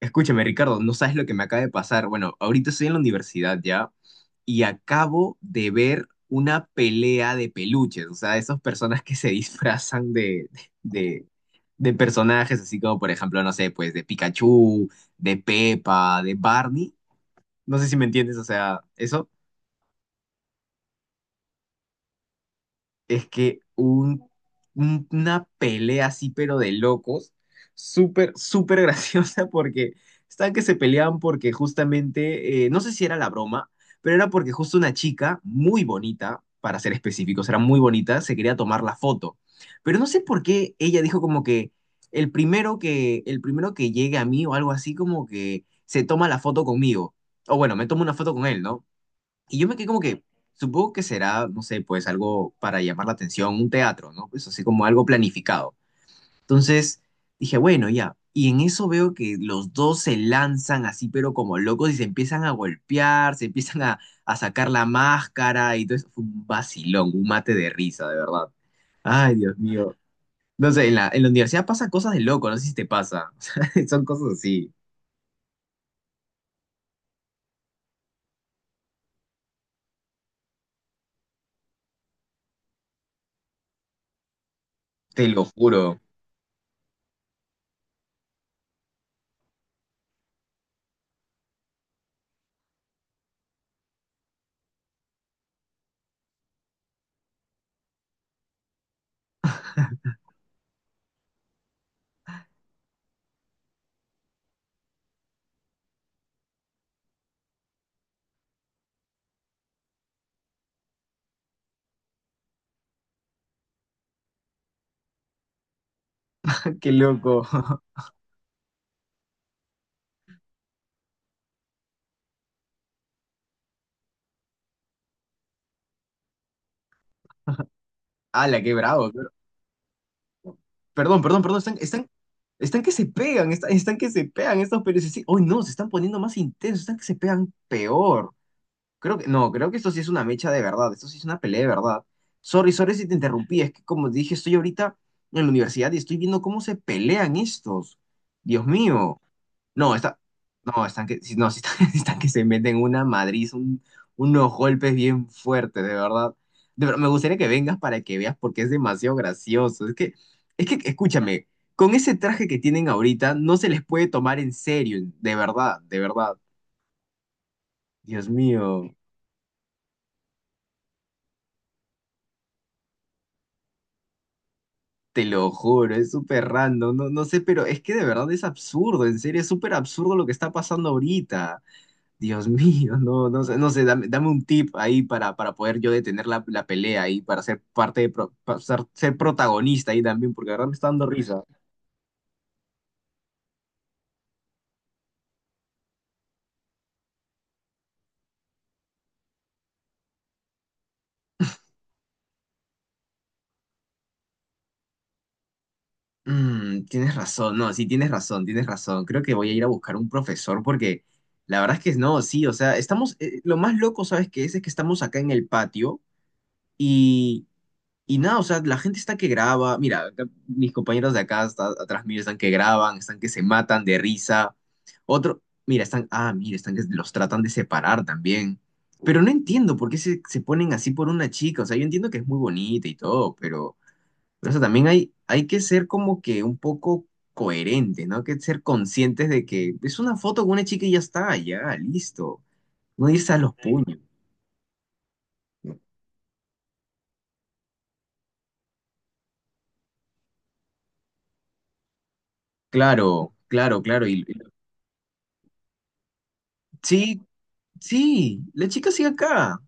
Escúchame, Ricardo, no sabes lo que me acaba de pasar. Bueno, ahorita estoy en la universidad ya y acabo de ver una pelea de peluches, o sea, esas personas que se disfrazan de, de personajes, así como por ejemplo, no sé, pues de Pikachu, de Peppa, de Barney. No sé si me entiendes, o sea, eso. Es que una pelea así, pero de locos, súper, súper graciosa porque estaban que se peleaban porque justamente, no sé si era la broma, pero era porque justo una chica muy bonita, para ser específicos, era muy bonita, se quería tomar la foto. Pero no sé por qué ella dijo como que el primero que llegue a mí o algo así como que se toma la foto conmigo. O bueno, me tomo una foto con él, ¿no? Y yo me quedé como que, supongo que será, no sé, pues algo para llamar la atención, un teatro, ¿no? Pues así como algo planificado. Entonces dije, bueno, ya. Y en eso veo que los dos se lanzan así, pero como locos, y se empiezan a golpear, se empiezan a sacar la máscara y todo eso. Fue un vacilón, un mate de risa, de verdad. Ay, Dios mío. No sé, en la universidad pasan cosas de loco, no sé si te pasa. Son cosas así, te lo juro. Qué loco. ¡Hala, qué bravo! Perdón, perdón, perdón, están que se pegan, están que se pegan estos periodistas. Sí, hoy no, se están poniendo más intensos, están que se pegan peor. Creo que, no, creo que esto sí es una mecha de verdad, esto sí es una pelea de verdad. Sorry, sorry si te interrumpí, es que como dije, estoy ahorita en la universidad y estoy viendo cómo se pelean estos. Dios mío. No, está, no, están que, sí, no, sí están, sí están que se meten una madriz, unos golpes bien fuertes, de verdad. De verdad, me gustaría que vengas para que veas porque es demasiado gracioso. Escúchame, con ese traje que tienen ahorita no se les puede tomar en serio, de verdad, de verdad. Dios mío, te lo juro, es súper random, no, no sé, pero es que de verdad es absurdo, en serio, es súper absurdo lo que está pasando ahorita. Dios mío, no, no sé, no sé, dame, dame un tip ahí para poder yo detener la, la pelea ahí, para ser parte para ser protagonista ahí también, porque ahora me está dando risa. Mm, tienes razón, no, sí, tienes razón, tienes razón. Creo que voy a ir a buscar un profesor porque la verdad es que no, sí, o sea, estamos, lo más loco, ¿sabes qué es? Es que estamos acá en el patio y Y nada, o sea, la gente está que graba. Mira, acá mis compañeros de acá, atrás mío, están que graban, están que se matan de risa. Otro, mira, están, ah, mira, están que los tratan de separar también. Pero no entiendo por qué se ponen así por una chica. O sea, yo entiendo que es muy bonita y todo, pero, o sea, también hay que ser como que un poco coherente, ¿no? Hay que ser conscientes de que es una foto con una chica y ya está, ya, listo. No irse a los, sí, puños. Claro, claro, claro. Sí, sí, la chica sigue acá,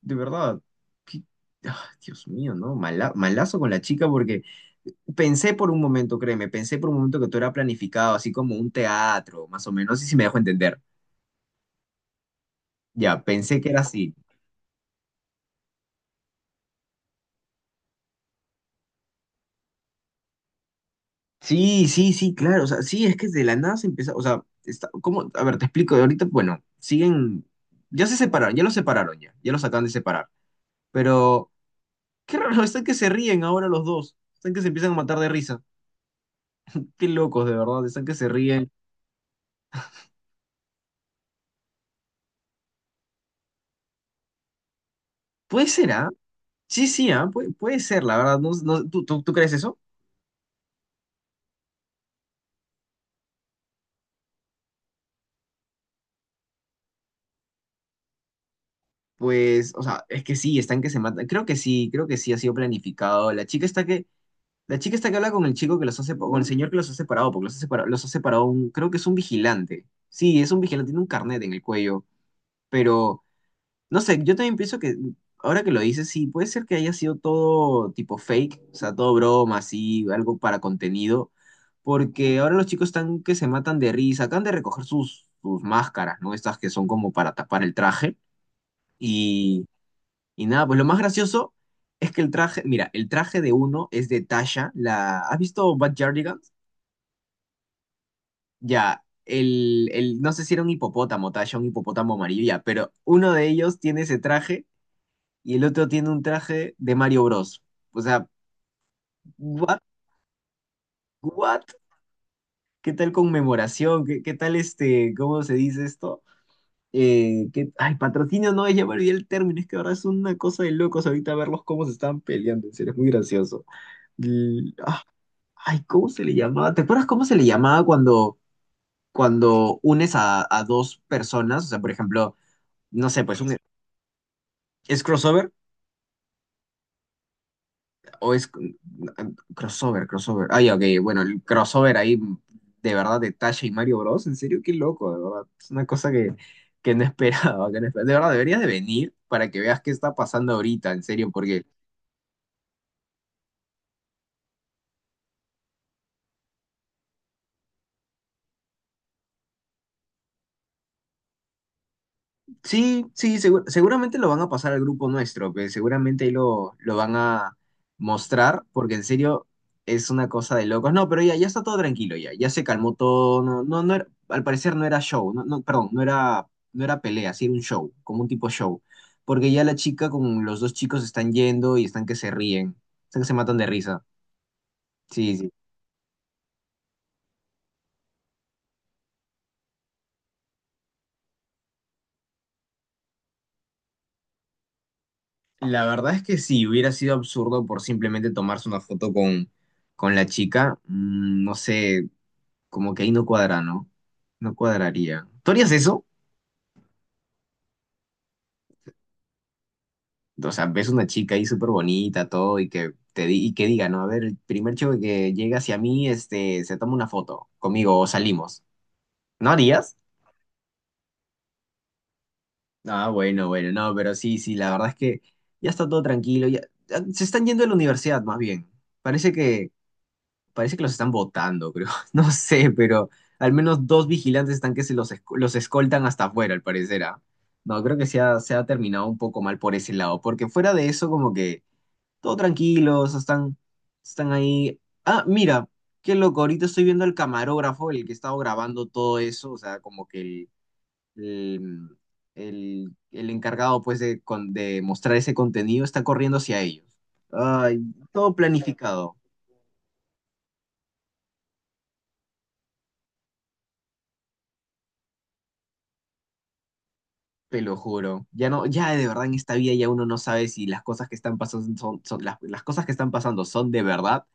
de verdad. Qué- ah, Dios mío, ¿no? Mala- malazo con la chica porque pensé por un momento, créeme, pensé por un momento que todo era planificado, así como un teatro, más o menos, y si me dejo entender. Ya, pensé que era así. Sí, sí, sí, claro, o sea, sí, es que de la nada se empieza, o sea, está, ¿cómo? A ver, te explico, ahorita, bueno, siguen, ya se separaron, ya los separaron ya, ya los acaban de separar, pero qué raro, están que se ríen ahora los dos, están que se empiezan a matar de risa, qué locos, de verdad, están que se ríen. Puede ser, ¿ah? Sí, sí, ¿ah? Puede, puede ser, la verdad. No, ¿tú crees eso? Pues, o sea, es que sí, están que se matan. Creo que sí ha sido planificado. La chica está que habla con el chico que los ha separado, con el señor que los ha separado, porque los ha separado un, creo que es un vigilante. Sí, es un vigilante, tiene un carnet en el cuello, pero no sé, yo también pienso que, ahora que lo dices, sí, puede ser que haya sido todo tipo fake, o sea, todo broma, así, algo para contenido, porque ahora los chicos están que se matan de risa, acaban de recoger sus máscaras, ¿no? Estas que son como para tapar el traje, y, y nada, pues lo más gracioso es que el traje, mira, el traje de uno es de Tasha, la, ¿has visto Bad Jardigans? Ya, no sé si era un hipopótamo, Tasha, un hipopótamo amarillo, ya, pero uno de ellos tiene ese traje y el otro tiene un traje de Mario Bros. O sea, what, what, qué tal conmemoración, qué tal este, ¿cómo se dice esto? Qué- ay, patrocinio no es, ya me olvidé el término, es que ahora es una cosa de locos ahorita verlos cómo se están peleando, en serio, es muy gracioso. L- ah, ay, ¿cómo se le llamaba? ¿Te acuerdas cómo se le llamaba cuando, cuando unes a dos personas? O sea, por ejemplo, no sé, pues un, es crossover o es crossover, crossover. Ay, ok, bueno, el crossover ahí de verdad de Tasha y Mario Bros. En serio, qué loco, de verdad. Es una cosa que no esperaba, que no esperaba. De verdad, deberías de venir para que veas qué está pasando ahorita, en serio, porque sí, sí, seguramente lo van a pasar al grupo nuestro, que seguramente ahí lo van a mostrar, porque en serio es una cosa de locos. No, pero ya, ya está todo tranquilo, ya, ya se calmó todo, no, no, al parecer no era show, no, no, perdón, no era pelea, sí era un show, como un tipo show, porque ya la chica con los dos chicos están yendo y están que se ríen, están que se matan de risa. Sí, sí. La verdad es que sí, hubiera sido absurdo por simplemente tomarse una foto con la chica, mm, no sé. Como que ahí no cuadra, ¿no? No cuadraría. ¿Tú harías eso? O sea, ves una chica ahí súper bonita, todo, y y que diga, ¿no? A ver, el primer chico que llega hacia mí, este, se toma una foto conmigo o salimos. ¿No harías? Ah, bueno, bueno, no, pero sí, sí, la verdad es que ya está todo tranquilo, ya, ya se están yendo a la universidad más bien. Parece que parece que los están botando, creo. No sé, pero al menos dos vigilantes están que se los, los escoltan hasta afuera, al parecer. Ah. No, creo que se ha terminado un poco mal por ese lado, porque fuera de eso, como que todo tranquilos, están, están ahí. Ah, mira, qué loco, ahorita estoy viendo al camarógrafo, el que estaba grabando todo eso, o sea, como que el, el encargado, pues, de mostrar ese contenido está corriendo hacia ellos. Ay, todo planificado. Te lo juro. Ya no, ya de verdad en esta vida ya uno no sabe si las cosas que están pasando las cosas que están pasando son de verdad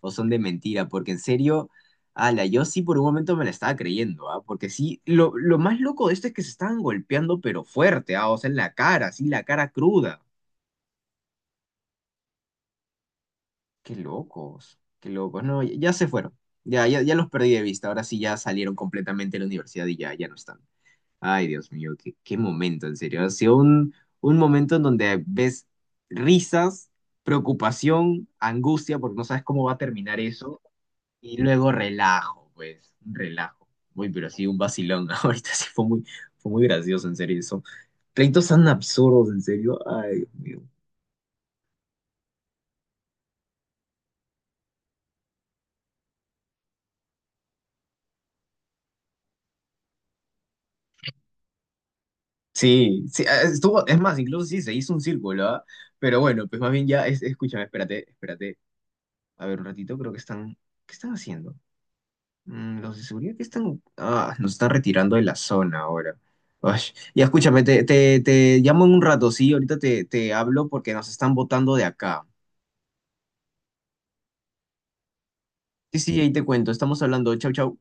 o son de mentira, porque en serio, ala, yo sí por un momento me la estaba creyendo, ¿ah? Porque sí, lo más loco de esto es que se estaban golpeando, pero fuerte, ¿ah? O sea, en la cara, sí, la cara cruda. Qué locos, qué locos. No, ya, ya se fueron. Ya, ya, ya los perdí de vista. Ahora sí ya salieron completamente de la universidad y ya, ya no están. Ay, Dios mío, qué momento, en serio. Ha sido un momento en donde ves risas, preocupación, angustia, porque no sabes cómo va a terminar eso, y luego relajo, pues, un relajo. Muy, pero sí, un vacilón. Ahorita sí fue muy gracioso, en serio, eso. Pleitos tan absurdos, en serio. Ay, Dios mío. Sí, sí, ah, estuvo, es más, incluso sí, se hizo un círculo, ¿ah? Pero bueno, pues más bien ya, escúchame, espérate, espérate. A ver, un ratito, ¿qué están haciendo? Mm, los de seguridad que están. Ah, nos están retirando de la zona ahora. Ay, ya escúchame, te llamo en un rato, sí. Ahorita te hablo porque nos están botando de acá. Sí, sí, ahí te cuento. Estamos hablando. Chau, chau.